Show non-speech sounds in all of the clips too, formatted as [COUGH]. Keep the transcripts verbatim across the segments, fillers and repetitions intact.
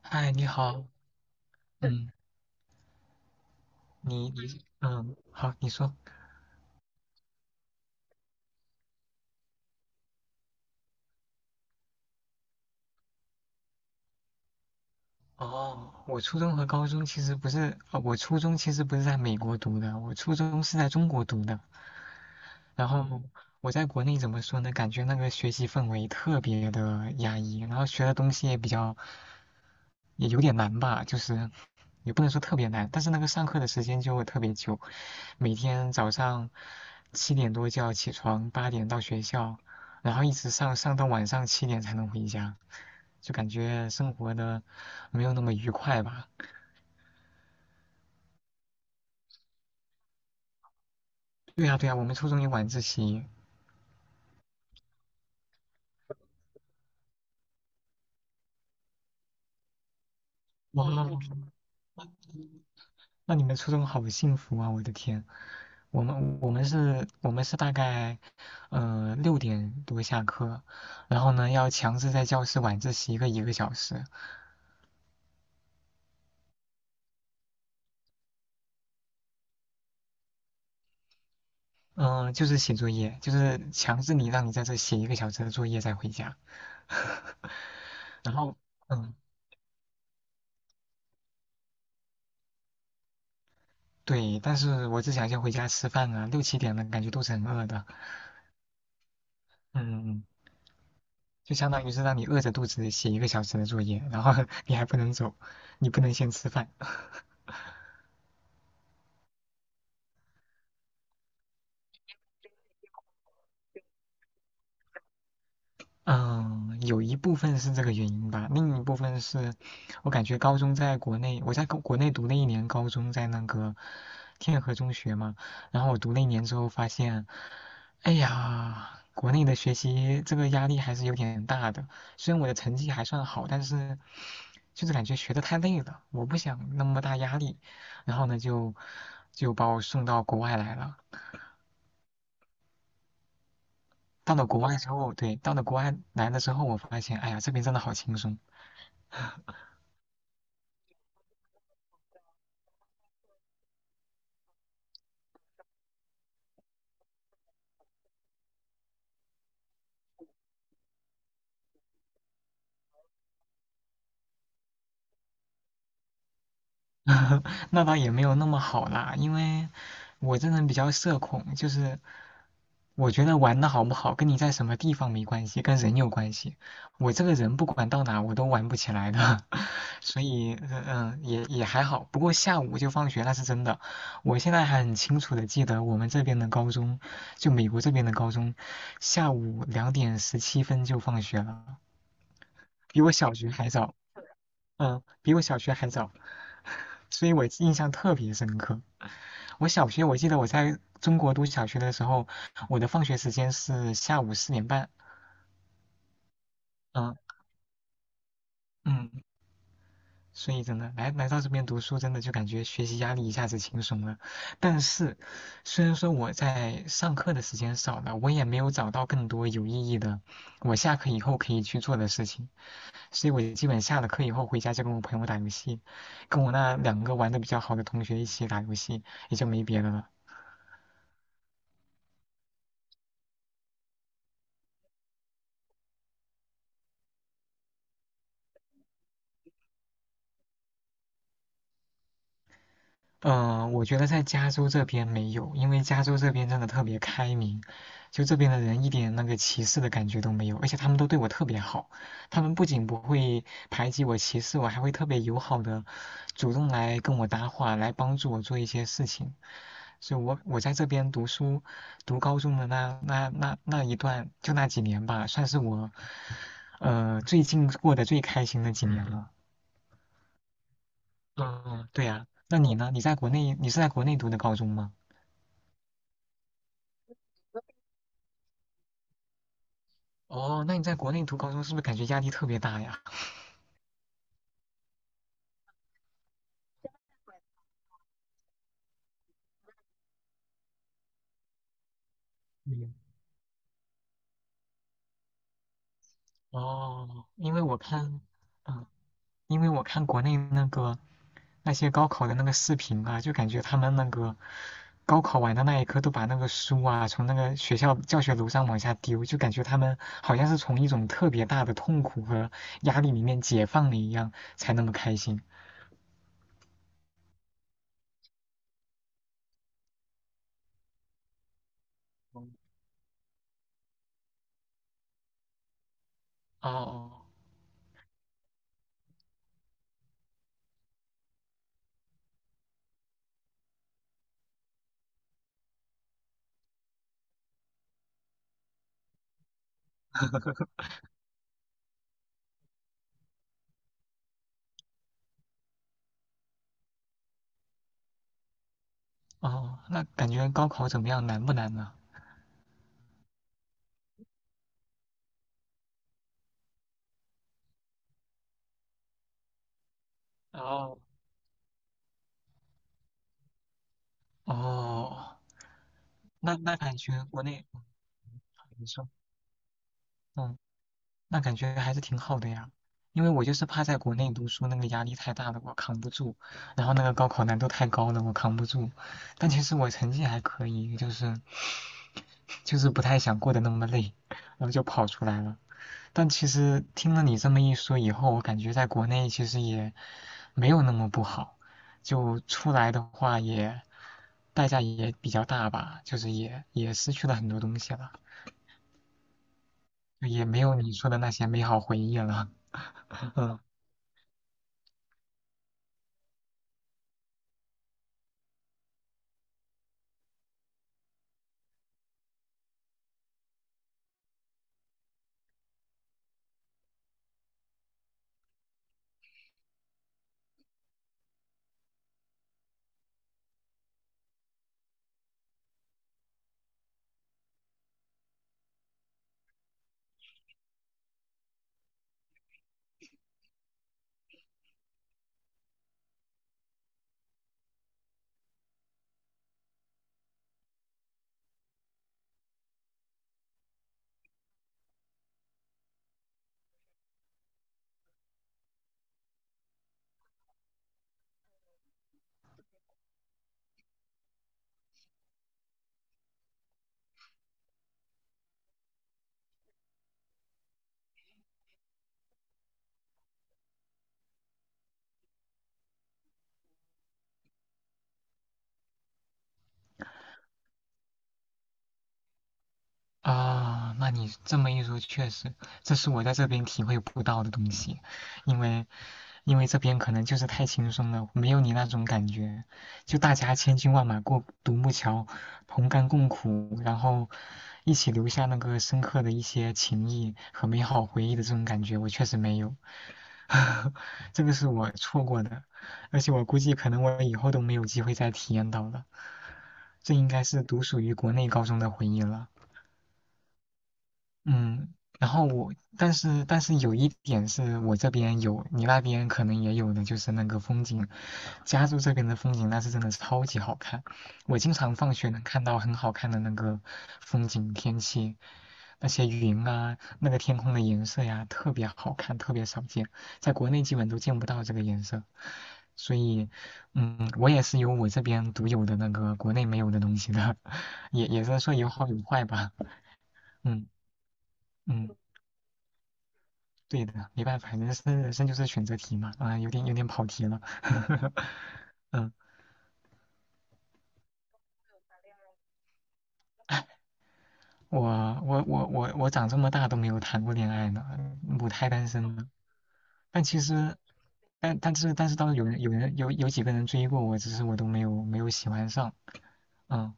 嗨，你好，嗯，你你嗯，好，你说。哦，我初中和高中其实不是，呃，我初中其实不是在美国读的，我初中是在中国读的。然后我在国内怎么说呢？感觉那个学习氛围特别的压抑，然后学的东西也比较，也有点难吧，就是也不能说特别难，但是那个上课的时间就特别久，每天早上七点多就要起床，八点到学校，然后一直上上到晚上七点才能回家。就感觉生活的没有那么愉快吧。对呀对呀，我们初中有晚自习，哇，那你们初中好幸福啊！我的天，我们我们是我们是大概，呃六点多下课，然后呢要强制在教室晚自习个一个小时，嗯、就是写作业，就是强制你让你在这写一个小时的作业再回家，[LAUGHS] 然后嗯对，但是我只想先回家吃饭啊，六七点的感觉都是很饿的，嗯。就相当于是让你饿着肚子写一个小时的作业，然后 [LAUGHS] 你还不能走，你不能先吃饭。嗯，有一部分是这个原因吧，另一部分是我感觉高中在国内，我在国国内读了一年高中，在那个天河中学嘛，然后我读了一年之后发现，哎呀，国内的学习这个压力还是有点大的，虽然我的成绩还算好，但是就是感觉学的太累了，我不想那么大压力，然后呢就就把我送到国外来了。到了国外之后，对，到了国外来了之后，我发现，哎呀，这边真的好轻松。[LAUGHS] 那倒也没有那么好啦，因为我这人比较社恐，就是我觉得玩的好不好跟你在什么地方没关系，跟人有关系。我这个人不管到哪我都玩不起来的，[LAUGHS] 所以嗯、呃也也还好。不过下午就放学那是真的，我现在还很清楚的记得我们这边的高中，就美国这边的高中，下午两点十七分就放学了，比我小学还早，嗯，比我小学还早，[LAUGHS] 所以我印象特别深刻。我小学我记得我在中国读小学的时候，我的放学时间是下午四点半。嗯嗯，所以真的来来到这边读书，真的就感觉学习压力一下子轻松了。但是，虽然说我在上课的时间少了，我也没有找到更多有意义的我下课以后可以去做的事情，所以我基本下了课以后回家就跟我朋友打游戏，跟我那两个玩的比较好的同学一起打游戏，也就没别的了。嗯、呃我觉得在加州这边没有，因为加州这边真的特别开明，就这边的人一点那个歧视的感觉都没有，而且他们都对我特别好，他们不仅不会排挤我、歧视我，还会特别友好的主动来跟我搭话，来帮助我做一些事情。所以我我在这边读书，读高中的那那那那一段，就那几年吧，算是我，呃，最近过得最开心的几年了。嗯。嗯，对呀，那你呢？你在国内，你是在国内读的高中吗？哦，那你在国内读高中是不是感觉压力特别大呀？嗯，哦，因为我看，嗯，因为我看国内那个那些高考的那个视频啊，就感觉他们那个高考完的那一刻都把那个书啊从那个学校教学楼上往下丢，就感觉他们好像是从一种特别大的痛苦和压力里面解放了一样，才那么开心。哦哦，那感觉高考怎么样？难不难呢？哦哦，那那感觉国内，你说。嗯。那感觉还是挺好的呀。因为我就是怕在国内读书那个压力太大了，我扛不住，然后那个高考难度太高了，我扛不住。但其实我成绩还可以，就是就是不太想过得那么累，然后就跑出来了。但其实听了你这么一说以后，我感觉在国内其实也没有那么不好，就出来的话也代价也比较大吧，就是也也失去了很多东西了，也没有你说的那些美好回忆了。[LAUGHS] 嗯。啊，那你这么一说，确实，这是我在这边体会不到的东西，因为，因为这边可能就是太轻松了，没有你那种感觉，就大家千军万马过独木桥，同甘共苦，然后一起留下那个深刻的一些情谊和美好回忆的这种感觉，我确实没有，[LAUGHS] 这个是我错过的，而且我估计可能我以后都没有机会再体验到了，这应该是独属于国内高中的回忆了。嗯，然后我，但是但是有一点是我这边有，你那边可能也有的，就是那个风景。加州这边的风景那是真的超级好看，我经常放学能看到很好看的那个风景天气，那些云啊，那个天空的颜色呀，特别好看，特别少见，在国内基本都见不到这个颜色。所以，嗯，我也是有我这边独有的那个国内没有的东西的，[LAUGHS] 也也是说有好有坏吧，嗯嗯。对的，没办法，人生人生就是选择题嘛。啊、有点有点跑题了。[LAUGHS] 嗯，我我我我我长这么大都没有谈过恋爱呢，母胎单身呢。但其实，但但是但是倒是有人有人有有几个人追过我，只是我都没有没有喜欢上。嗯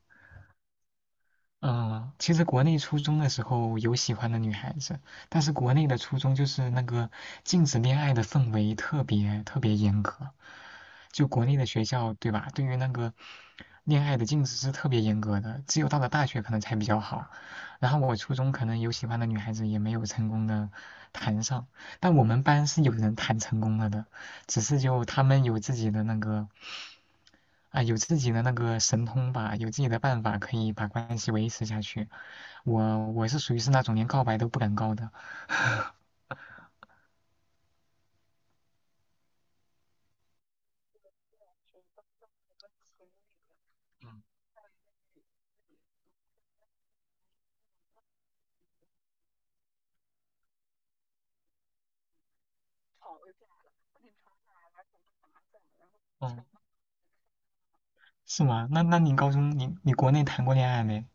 嗯，其实国内初中的时候有喜欢的女孩子，但是国内的初中就是那个禁止恋爱的氛围特别特别严格，就国内的学校，对吧？对于那个恋爱的禁止是特别严格的，只有到了大学可能才比较好。然后我初中可能有喜欢的女孩子，也没有成功的谈上。但我们班是有人谈成功了的，只是就他们有自己的那个啊、有自己的那个神通吧，有自己的办法可以把关系维持下去。我我是属于是那种连告白都不敢告的。嗯，哦，是吗？那那你高中你你国内谈过恋爱没？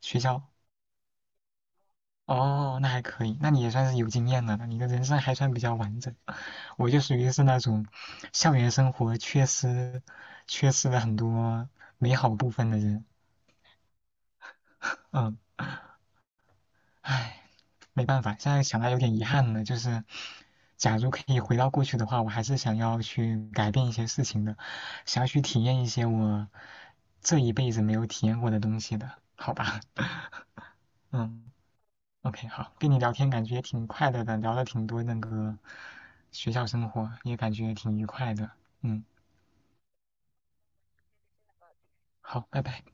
学校？哦，那还可以，那你也算是有经验了那你的人生还算比较完整。[LAUGHS] 我就属于是那种校园生活缺失、缺失了很多美好部分的人。嗯，唉，没办法，现在想来有点遗憾了。就是，假如可以回到过去的话，我还是想要去改变一些事情的，想要去体验一些我这一辈子没有体验过的东西的，好吧？[LAUGHS] 嗯。OK,好，跟你聊天感觉也挺快乐的，聊了挺多那个学校生活，也感觉挺愉快的。嗯，好，拜拜。